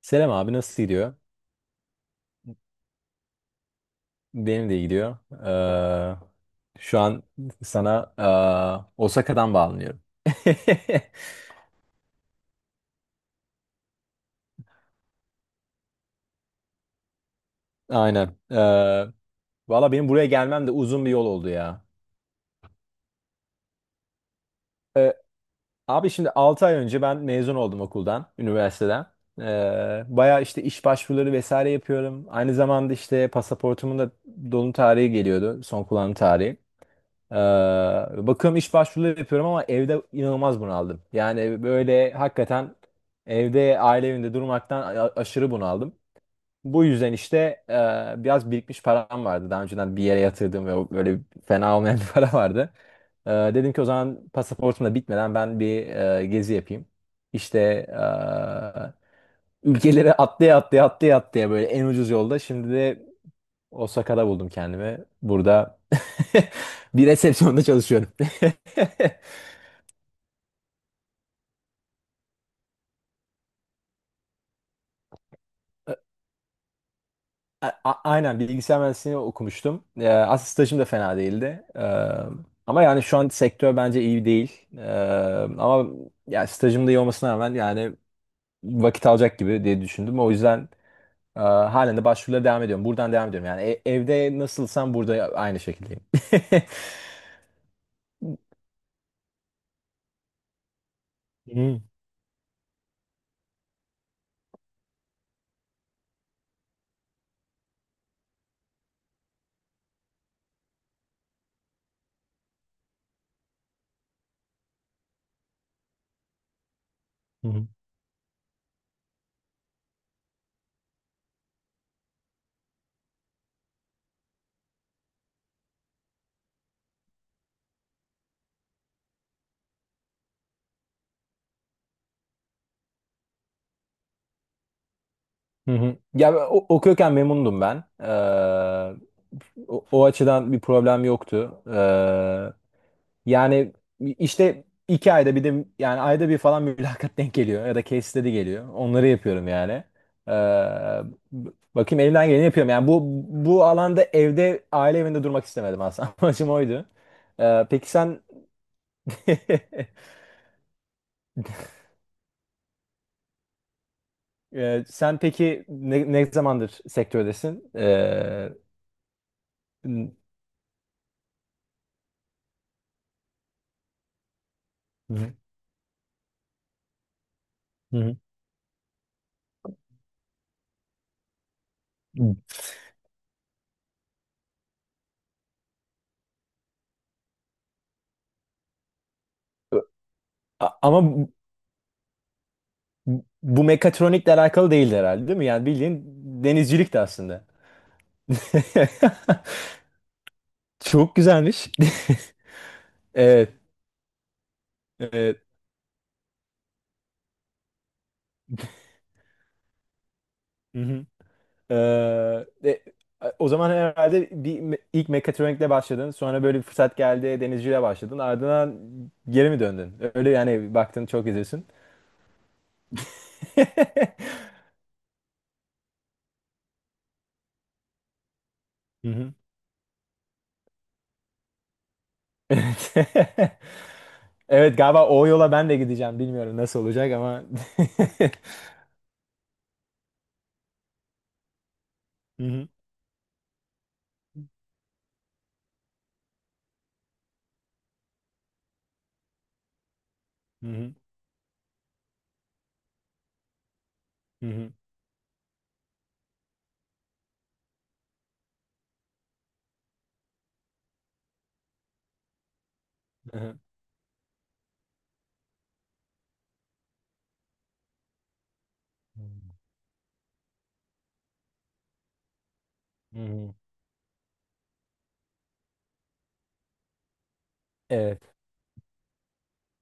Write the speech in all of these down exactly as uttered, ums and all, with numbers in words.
Selam abi, nasıl gidiyor? Benim de iyi gidiyor. Ee, şu an sana ee, Osaka'dan bağlanıyorum. Aynen. Ee, valla benim buraya gelmem de uzun bir yol oldu ya. Ee, abi şimdi altı ay önce ben mezun oldum okuldan, üniversiteden. Ee, baya işte iş başvuruları vesaire yapıyorum. Aynı zamanda işte pasaportumun da dolum tarihi geliyordu. Son kullanım tarihi. Ee, bakıyorum iş başvuruları yapıyorum ama evde inanılmaz bunaldım. Yani böyle hakikaten evde aile evinde durmaktan a- aşırı bunaldım. Bu yüzden işte e, biraz birikmiş param vardı. Daha önceden bir yere yatırdığım ve o böyle fena olmayan bir para vardı. Ee, dedim ki o zaman pasaportum da bitmeden ben bir e, gezi yapayım. İşte e, ülkeleri atlaya atlaya atlaya atlaya böyle en ucuz yolda. Şimdi de Osaka'da buldum kendimi. Burada bir resepsiyonda çalışıyorum. A- a- Aynen, bilgisayar mühendisliğini okumuştum. Ee, aslında stajım da fena değildi. Ee, ama yani şu an sektör bence iyi değil. Ee, ama ya stajım da iyi olmasına rağmen yani vakit alacak gibi diye düşündüm. O yüzden e, halen de başvurulara devam ediyorum. Buradan devam ediyorum. Yani e- evde nasılsam burada aynı şekildeyim. Hmm. Hı hı. Ya ben o- okuyorken memnundum ben. Ee, o, o açıdan bir problem yoktu. Ee, yani işte iki ayda bir de yani ayda bir falan mülakat denk geliyor ya da case study geliyor. Onları yapıyorum yani. Ee, b- bakayım, elimden geleni yapıyorum. Yani bu bu alanda evde aile evinde durmak istemedim aslında. Amacım oydu. Ee, peki sen. Ee, sen peki ne, ne zamandır sektördesin? Ee, Hı hı. A- Ama bu bu mekatronikle alakalı değildi herhalde, değil mi? Yani bildiğin denizcilik de aslında. Çok güzelmiş. Evet. Evet. Hı hı. Ee, e, o zaman herhalde bir me- ilk mekatronikle başladın. Sonra böyle bir fırsat geldi, denizciliğe başladın. Ardından geri mi döndün? Öyle yani, baktın çok izliyorsun. Hı hı. Evet. Evet, galiba o yola ben de gideceğim. Bilmiyorum nasıl olacak ama. Hı hı. Hı hı. Hı hı. Hmm. Hmm. Evet.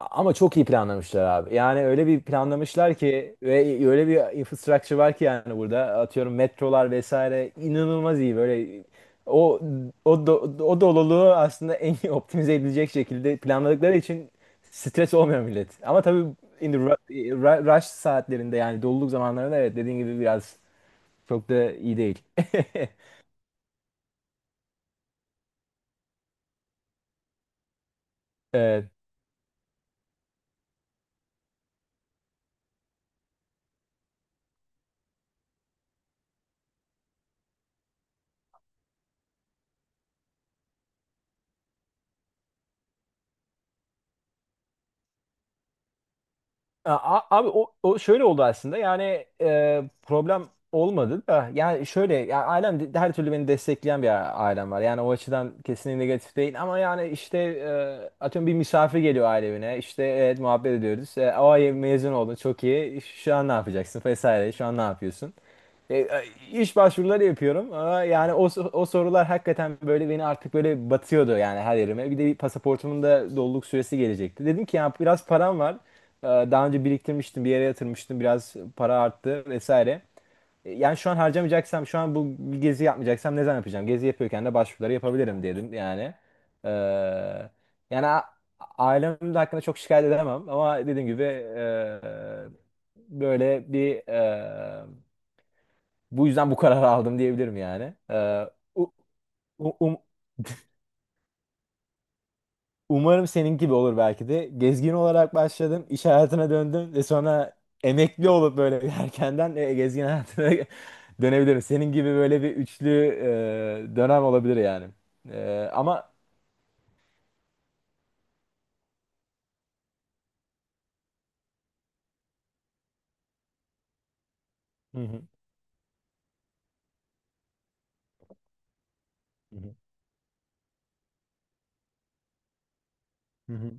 Ama çok iyi planlamışlar abi. Yani öyle bir planlamışlar ki ve öyle bir infrastructure var ki, yani burada atıyorum metrolar vesaire inanılmaz iyi böyle o o do, o doluluğu aslında en iyi optimize edilecek şekilde planladıkları için stres olmuyor millet. Ama tabii in the ru- ru- rush saatlerinde, yani doluluk zamanlarında, evet, dediğin gibi biraz çok da iyi değil. Evet. A- a- Abi o, o şöyle oldu aslında. Yani e, problem olmadı da, yani şöyle, ya ailem de- her türlü beni destekleyen bir a- ailem var, yani o açıdan kesinlikle negatif değil. Ama yani işte, e, atıyorum bir misafir geliyor aile evine, işte evet muhabbet ediyoruz, e, o ay mezun oldun, çok iyi, şu an ne yapacaksın vesaire, şu an ne yapıyorsun, e, e, iş başvuruları yapıyorum. Ama yani o, so- o sorular hakikaten böyle beni artık böyle batıyordu yani, her yerime. Bir de bir pasaportumun da doluluk süresi gelecekti. Dedim ki ya biraz param var. Ee, Daha önce biriktirmiştim, bir yere yatırmıştım, biraz para arttı vesaire. Ee, Yani şu an harcamayacaksam, şu an bu gezi yapmayacaksam ne zaman yapacağım? Gezi yapıyorken de başvuruları yapabilirim dedim yani. Ee, yani a- ailem de hakkında çok şikayet edemem, ama dediğim gibi, e, böyle bir e, bu yüzden bu kararı aldım diyebilirim yani. Ee, u- u- um- Umarım senin gibi olur belki de. Gezgin olarak başladım, iş hayatına döndüm ve sonra emekli olup böyle bir erkenden e, gezgin hayatına dönebilirim. Senin gibi böyle bir üçlü e, dönem olabilir yani. E, ama. Hı hı, hı hı, hı hı.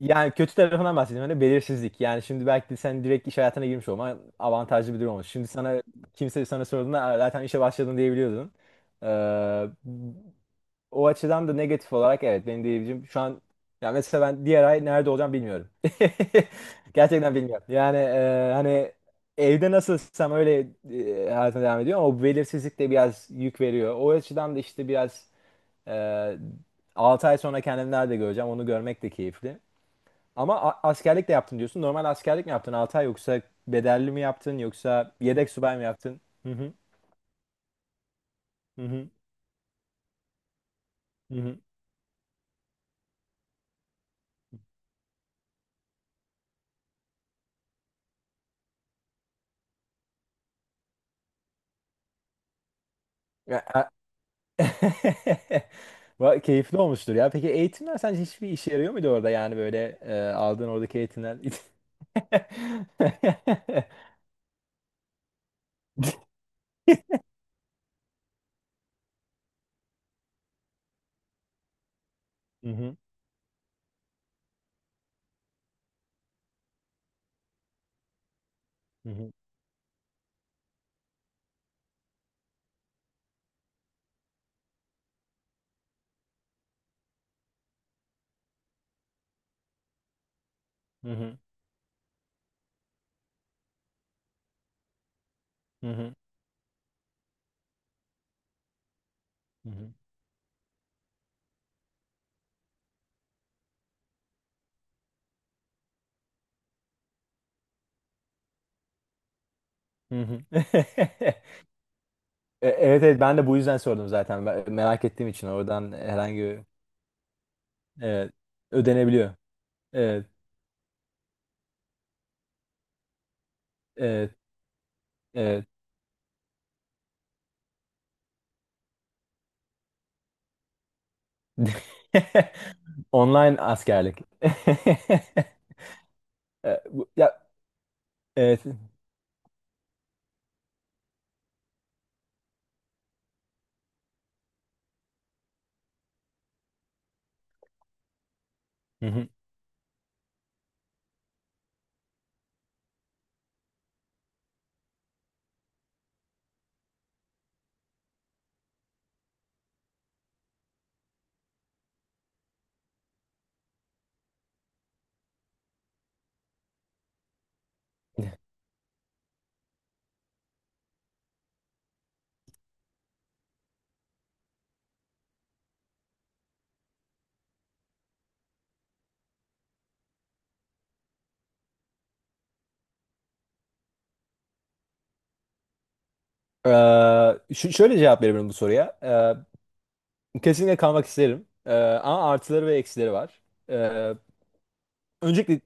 Yani kötü tarafından bahsedeyim. Hani belirsizlik. Yani şimdi belki de sen direkt iş hayatına girmiş olman avantajlı bir durum olmuş. Şimdi sana kimse sana sorduğunda "Aa, zaten işe başladın." diyebiliyordun. Ee, o açıdan da negatif olarak evet benim diyebileceğim şu an, ya mesela ben diğer ay nerede olacağım bilmiyorum. Gerçekten bilmiyorum. Yani e, hani evde nasılsam öyle e, hayatıma devam ediyor, ama o belirsizlik de biraz yük veriyor. O açıdan da işte biraz e, altı ay sonra kendimi nerede göreceğim, onu görmek de keyifli. Ama a- askerlik de yaptın diyorsun. Normal askerlik mi yaptın altı ay, yoksa bedelli mi yaptın, yoksa yedek subay mı yaptın? Hı hı. Hı hı. Hı hı. Ya, a- Va- keyifli olmuştur ya. Peki eğitimler sence hiçbir işe yarıyor muydu orada, yani böyle e, aldığın oradaki eğitimler? Hı hı. Hı hı. Hı hı. Hı hı. Hı hı. E, evet, evet, ben de bu yüzden sordum zaten. Ben- merak ettiğim için oradan herhangi bir- evet, ödenebiliyor. Evet. Evet. Evet. Online askerlik. E, bu- ya, evet. Hı hı. Ee, şu, şöyle cevap verebilirim bu soruya. Ee, kesinlikle kalmak isterim. Ee, ama artıları ve eksileri var. Ee, öncelikle,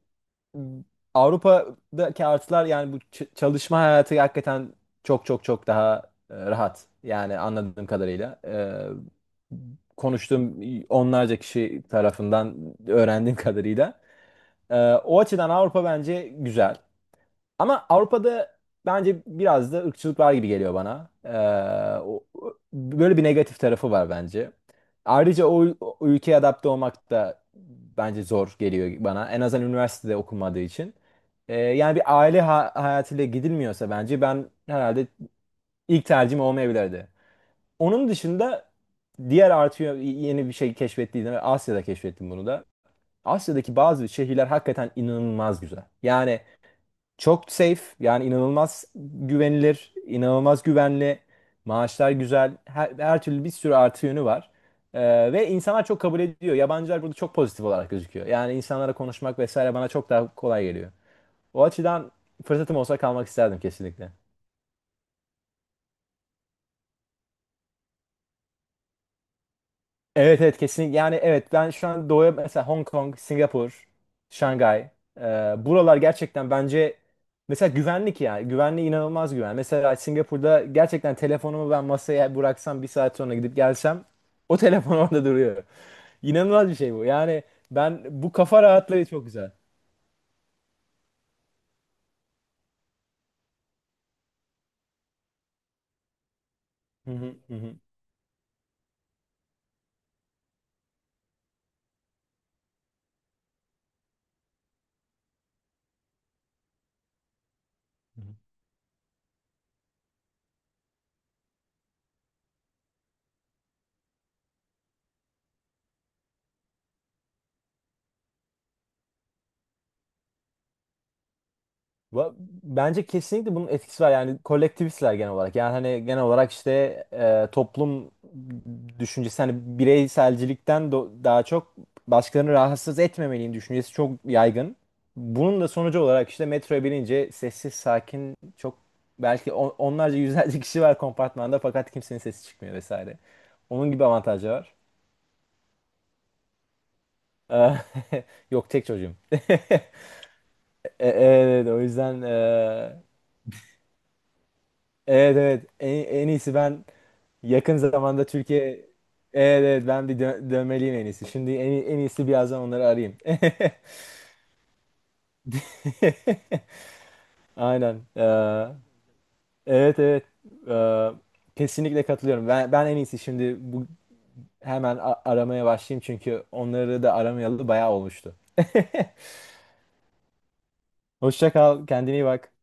m, Avrupa'daki artılar, yani bu ç- çalışma hayatı hakikaten çok çok çok daha e, rahat. Yani anladığım kadarıyla. Ee, konuştuğum onlarca kişi tarafından öğrendiğim kadarıyla. Ee, o açıdan Avrupa bence güzel. Ama Avrupa'da bence biraz da ırkçılık var gibi geliyor bana. Ee, o- o- böyle bir negatif tarafı var bence. Ayrıca o, o ülkeye adapte olmak da bence zor geliyor bana. En azından üniversitede okunmadığı için. Ee, yani bir aile ha hayatıyla gidilmiyorsa bence ben herhalde ilk tercihim olmayabilirdi. Onun dışında diğer artıyor yeni bir şey keşfettiydim. Asya'da keşfettim bunu da. Asya'daki bazı şehirler hakikaten inanılmaz güzel. Yani çok safe, yani inanılmaz güvenilir, inanılmaz güvenli, maaşlar güzel, her, her türlü bir sürü artı yönü var. Ee, ve insanlar çok kabul ediyor. Yabancılar burada çok pozitif olarak gözüküyor. Yani insanlara konuşmak vesaire bana çok daha kolay geliyor. O açıdan fırsatım olsa kalmak isterdim kesinlikle. Evet, evet, kesinlikle yani. Evet, ben şu an doğuya mesela Hong Kong, Singapur, Şangay, e, buralar gerçekten bence, mesela güvenlik, ya güvenli, inanılmaz güven. Mesela Singapur'da gerçekten telefonumu ben masaya bıraksam, bir saat sonra gidip gelsem o telefon orada duruyor. İnanılmaz bir şey bu yani, ben bu kafa rahatlığı çok güzel. Hı hı, hı hı. Va- bence kesinlikle bunun etkisi var. Yani kolektivistler genel olarak, yani hani genel olarak işte, e, toplum düşüncesi, hani bireyselcilikten do- daha çok başkalarını rahatsız etmemeliyim düşüncesi çok yaygın. Bunun da sonucu olarak işte metroya binince sessiz sakin, çok belki on- onlarca yüzlerce kişi var kompartmanda, fakat kimsenin sesi çıkmıyor vesaire. Onun gibi avantajı var. Eh, yok, tek çocuğum. E- evet, o yüzden, eh, evet, evet, en, en iyisi ben yakın zamanda Türkiye, evet, evet ben bir dö dönmeliyim en iyisi. Şimdi en, en iyisi birazdan onları arayayım. Aynen. Ee, evet, evet. Ee, kesinlikle katılıyorum. Ben, ben en iyisi şimdi bu hemen a- aramaya başlayayım, çünkü onları da aramayalı bayağı olmuştu. Hoşça kal, kendine iyi bak.